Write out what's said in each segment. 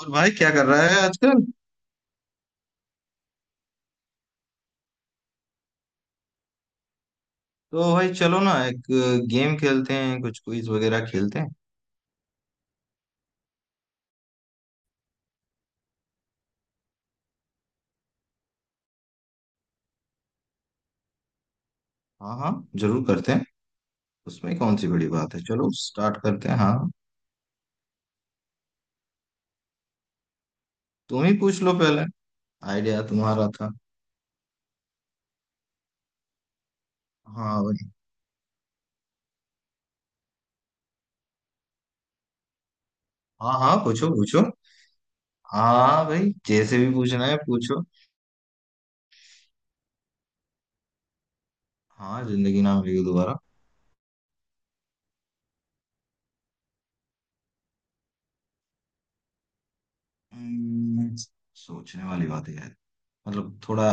और भाई क्या कर रहा है आजकल? तो भाई चलो ना एक गेम खेलते हैं, कुछ क्विज वगैरह खेलते हैं। हाँ हाँ, जरूर करते हैं। उसमें कौन सी बड़ी बात है, चलो स्टार्ट करते हैं। हाँ। तुम ही पूछ लो पहले, आइडिया तुम्हारा था। हाँ भाई। हाँ हाँ, पूछो पूछो। हाँ भाई, जैसे भी पूछना है पूछो। हाँ, जिंदगी ना मिलेगी दोबारा। हम्म, सोचने वाली बात है यार। मतलब थोड़ा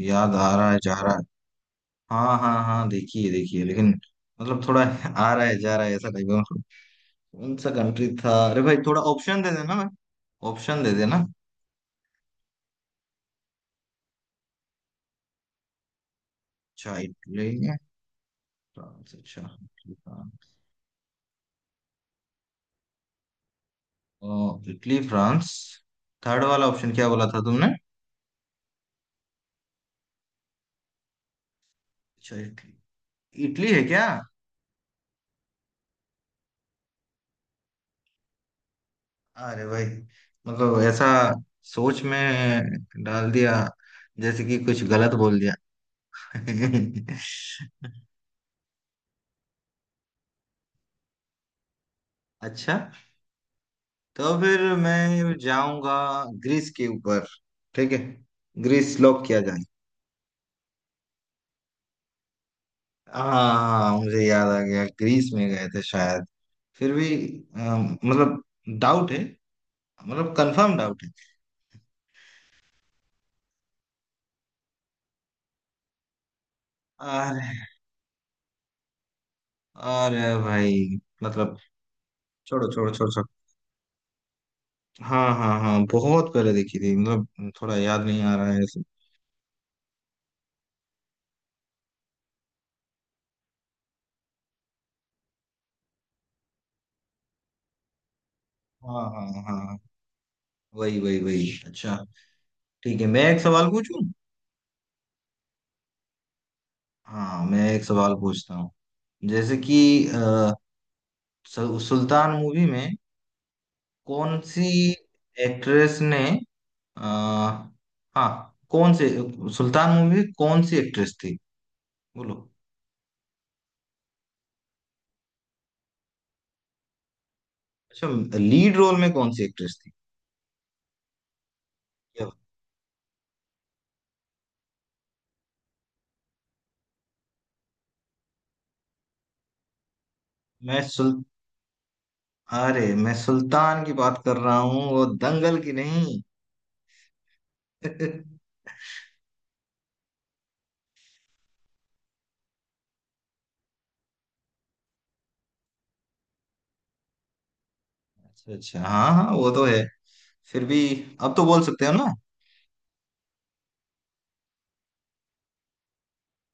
याद आ रहा है जा रहा है। हाँ हाँ हाँ, देखिए देखिए, लेकिन मतलब थोड़ा आ रहा है जा रहा है ऐसा टाइप। कौन सा कंट्री था, अरे भाई थोड़ा ऑप्शन दे देना। मैं ऑप्शन दे देना। अच्छा इटली है, फ्रांस, अच्छा। Italy France. Italy France. Third वाला ऑप्शन क्या बोला था तुमने? अच्छा इटली। इटली है क्या? अरे भाई मतलब ऐसा सोच में डाल दिया जैसे कि कुछ गलत बोल दिया। अच्छा, तो फिर मैं जाऊंगा ग्रीस के ऊपर। ठीक है। ग्रीस लॉक किया जाए। हाँ, मुझे याद आ गया, ग्रीस में गए थे शायद। फिर भी मतलब डाउट है। मतलब कंफर्म डाउट है। अरे। अरे भाई मतलब। छोड़ो छोड़ो छोड़ो छोड़ो। हाँ हाँ हाँ, बहुत पहले देखी थी, मतलब थोड़ा याद नहीं आ रहा है ऐसे। हाँ हाँ हाँ, वही वही वही, अच्छा। ठीक है, मैं एक सवाल पूछूं। हाँ, मैं एक सवाल पूछता हूँ। जैसे कि अ, सुल्तान मूवी में कौन सी एक्ट्रेस ने आ, हाँ कौन से, सुल्तान मूवी में कौन सी एक्ट्रेस थी? बोलो। अच्छा, लीड रोल में कौन सी एक्ट्रेस थी? क्या बात? मैं सुल अरे मैं सुल्तान की बात कर रहा हूँ, वो दंगल की नहीं। अच्छा अच्छा। हाँ हाँ, वो तो है। फिर भी अब तो बोल सकते हो ना।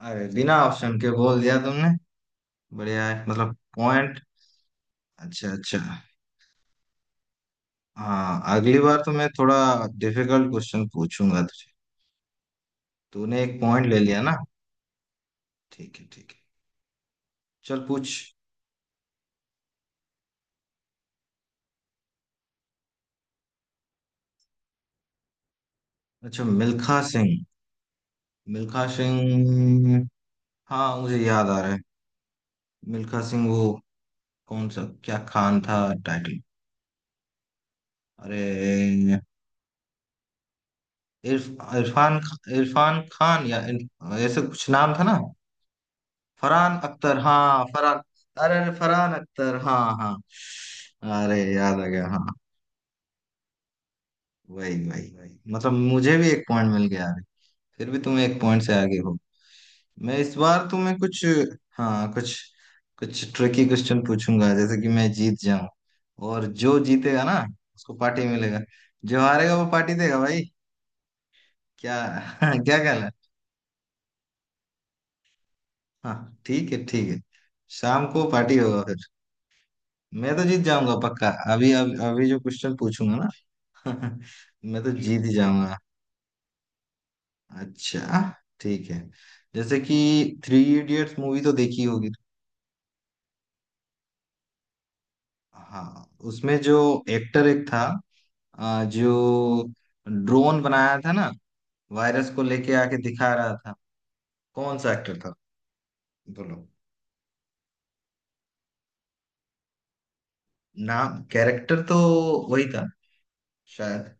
अरे, बिना ऑप्शन के बोल दिया तुमने। बढ़िया है, मतलब पॉइंट। अच्छा अच्छा। हाँ, अगली बार तो मैं थोड़ा डिफिकल्ट क्वेश्चन पूछूंगा तुझे। तूने एक पॉइंट ले लिया ना। ठीक है ठीक है। चल पूछ। अच्छा, मिल्खा सिंह। मिल्खा सिंह। हाँ, मुझे याद आ रहा है। मिल्खा सिंह वो कौन सा, क्या खान था, टाइटल। अरे, इरफान खान या ऐसे कुछ नाम था ना। फरहान अख्तर, हाँ फरहान। अरे अरे, फरहान अख्तर, हाँ हाँ। अरे याद आ गया, हाँ। वही वही वही, मतलब मुझे भी एक पॉइंट मिल गया, अरे। फिर भी तुम एक पॉइंट से आगे हो। मैं इस बार तुम्हें कुछ, हाँ कुछ कुछ ट्रिकी क्वेश्चन पूछूंगा, जैसे कि मैं जीत जाऊं। और जो जीतेगा ना, उसको पार्टी मिलेगा, जो हारेगा वो पार्टी देगा भाई। क्या! क्या कहना है। हाँ ठीक है ठीक है। शाम को पार्टी होगा फिर। मैं तो जीत जाऊंगा पक्का। अभी अभी, अभी जो क्वेश्चन पूछूंगा ना मैं तो जीत ही जाऊंगा। अच्छा ठीक है। जैसे कि थ्री इडियट्स मूवी तो देखी होगी। हाँ, उसमें जो एक्टर एक था, जो ड्रोन बनाया था ना, वायरस को लेके आके दिखा रहा था, कौन सा एक्टर था? बोलो। नाम कैरेक्टर तो वही था शायद,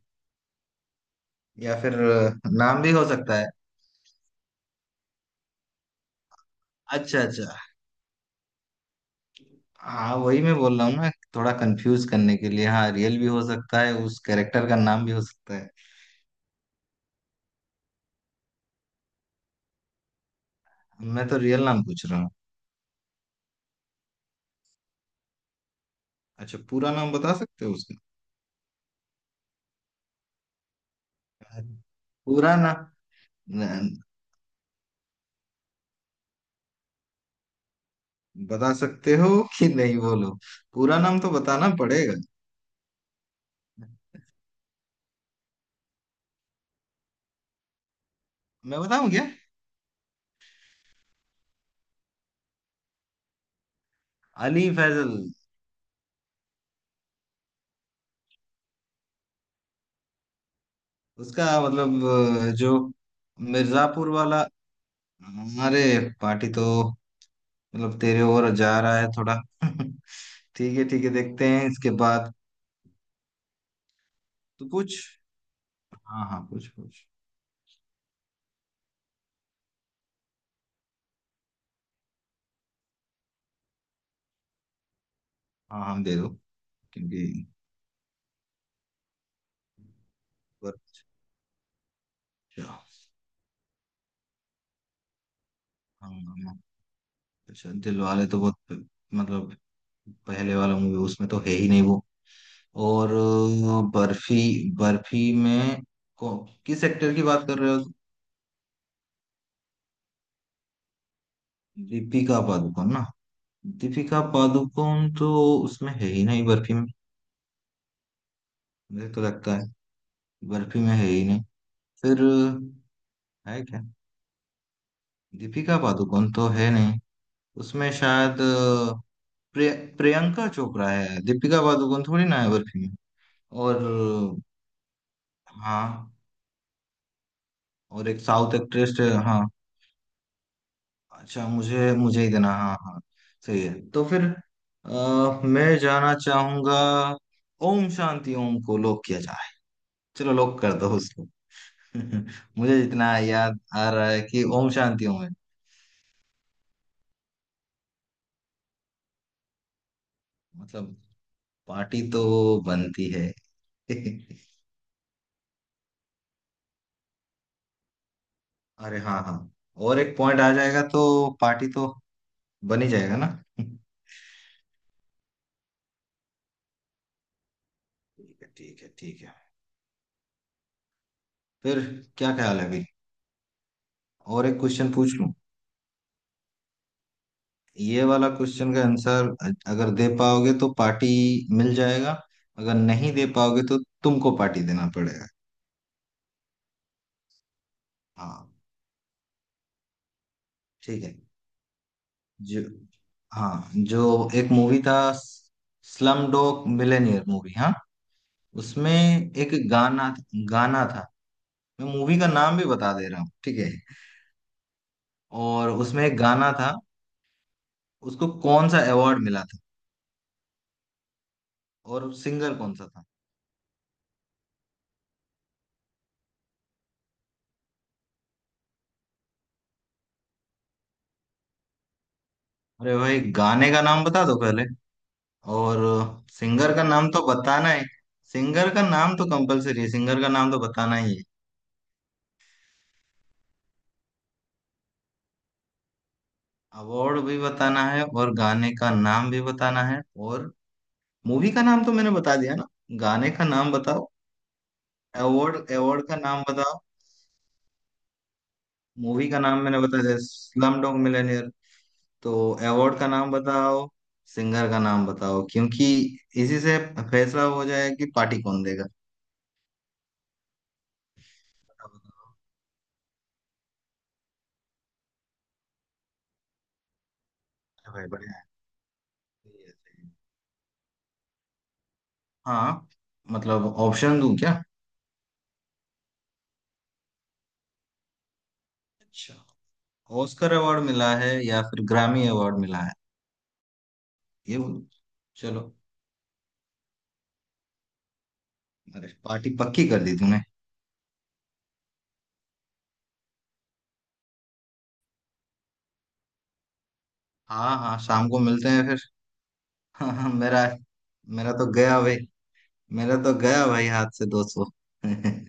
या फिर नाम भी हो सकता है। अच्छा अच्छा। हाँ वही मैं बोल रहा हूँ, मैं थोड़ा कंफ्यूज करने के लिए। हाँ, रियल भी हो सकता है, उस कैरेक्टर का नाम भी हो सकता है। मैं तो रियल नाम पूछ रहा हूँ। अच्छा, पूरा नाम बता सकते हो उसका? पूरा नाम न- बता सकते हो कि नहीं, बोलो। पूरा नाम तो बताना पड़ेगा। मैं बताऊं क्या? अली फैजल। उसका मतलब जो मिर्जापुर वाला। अरे, पार्टी तो मतलब तेरे ओर जा रहा है थोड़ा। ठीक है ठीक है, देखते हैं इसके बाद। तो कुछ, हाँ हाँ, कुछ कुछ। हाँ, हम दे दो क्योंकि। अच्छा, हाँ, हाँ, अच्छा, दिल वाले तो बहुत मतलब पहले वाला मूवी, उसमें तो है ही नहीं वो। और बर्फी। बर्फी में को, किस एक्टर की बात कर रहे हो? दीपिका पादुकोण ना। दीपिका पादुकोण तो उसमें है ही नहीं, बर्फी में। मुझे तो लगता है बर्फी में है ही नहीं। फिर है क्या? दीपिका पादुकोण तो है नहीं। उसमें शायद प्रिय, प्रियंका चोपड़ा है, दीपिका पादुकोण थोड़ी ना है बर्फी में। और हाँ। और एक साउथ एक्ट्रेस है। हाँ। अच्छा, मुझे मुझे ही देना, हाँ हाँ। सही है, तो फिर मैं जाना चाहूंगा, ओम शांति ओम को लॉक किया जाए। चलो लॉक कर दो उसको। मुझे जितना याद आ रहा है कि ओम शांति ओम है। मतलब पार्टी तो बनती है। अरे हाँ हाँ। और एक पॉइंट आ जाएगा तो पार्टी तो बन ही जाएगा ना। ठीक है ठीक है ठीक है। फिर क्या ख्याल है अभी? और एक क्वेश्चन पूछ लूं। ये वाला क्वेश्चन का आंसर अगर दे पाओगे तो पार्टी मिल जाएगा, अगर नहीं दे पाओगे तो तुमको पार्टी देना पड़ेगा। हाँ ठीक है। जो हाँ, जो एक मूवी था स्लम डॉग मिलेनियर मूवी, हाँ, उसमें एक गाना गाना था। मैं मूवी का नाम भी बता दे रहा हूँ, ठीक है, और उसमें एक गाना था, उसको कौन सा अवार्ड मिला था और सिंगर कौन सा था? अरे भाई गाने का नाम बता दो पहले, और सिंगर का नाम तो बताना है, सिंगर का नाम तो कंपलसरी है, सिंगर का नाम तो बताना ही है। अवार्ड भी बताना है और गाने का नाम भी बताना है, और मूवी का नाम तो मैंने बता दिया ना। गाने का नाम बताओ। अवार्ड अवार्ड का नाम बताओ। मूवी का नाम मैंने बता दिया, स्लम डॉग मिलियनेयर, तो अवार्ड का नाम बताओ, सिंगर का नाम बताओ, क्योंकि इसी से फैसला हो जाएगा कि पार्टी कौन देगा। बताओ, बताओ। अरे भाई बढ़िया है। सही है, सही है। हाँ, मतलब ऑप्शन दूं क्या? अच्छा, ऑस्कर अवार्ड मिला है या फिर ग्रामी अवार्ड मिला है, ये बोलो। चलो, अरे पार्टी पक्की कर दी तूने। हाँ हाँ, शाम को मिलते हैं फिर। हाँ हाँ, मेरा मेरा तो गया भाई, मेरा तो गया भाई हाथ से 200। ठीक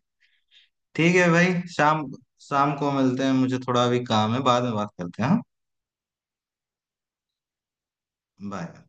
है भाई, शाम शाम को मिलते हैं, मुझे थोड़ा अभी काम है, बाद में बात करते हैं, हाँ। बाय।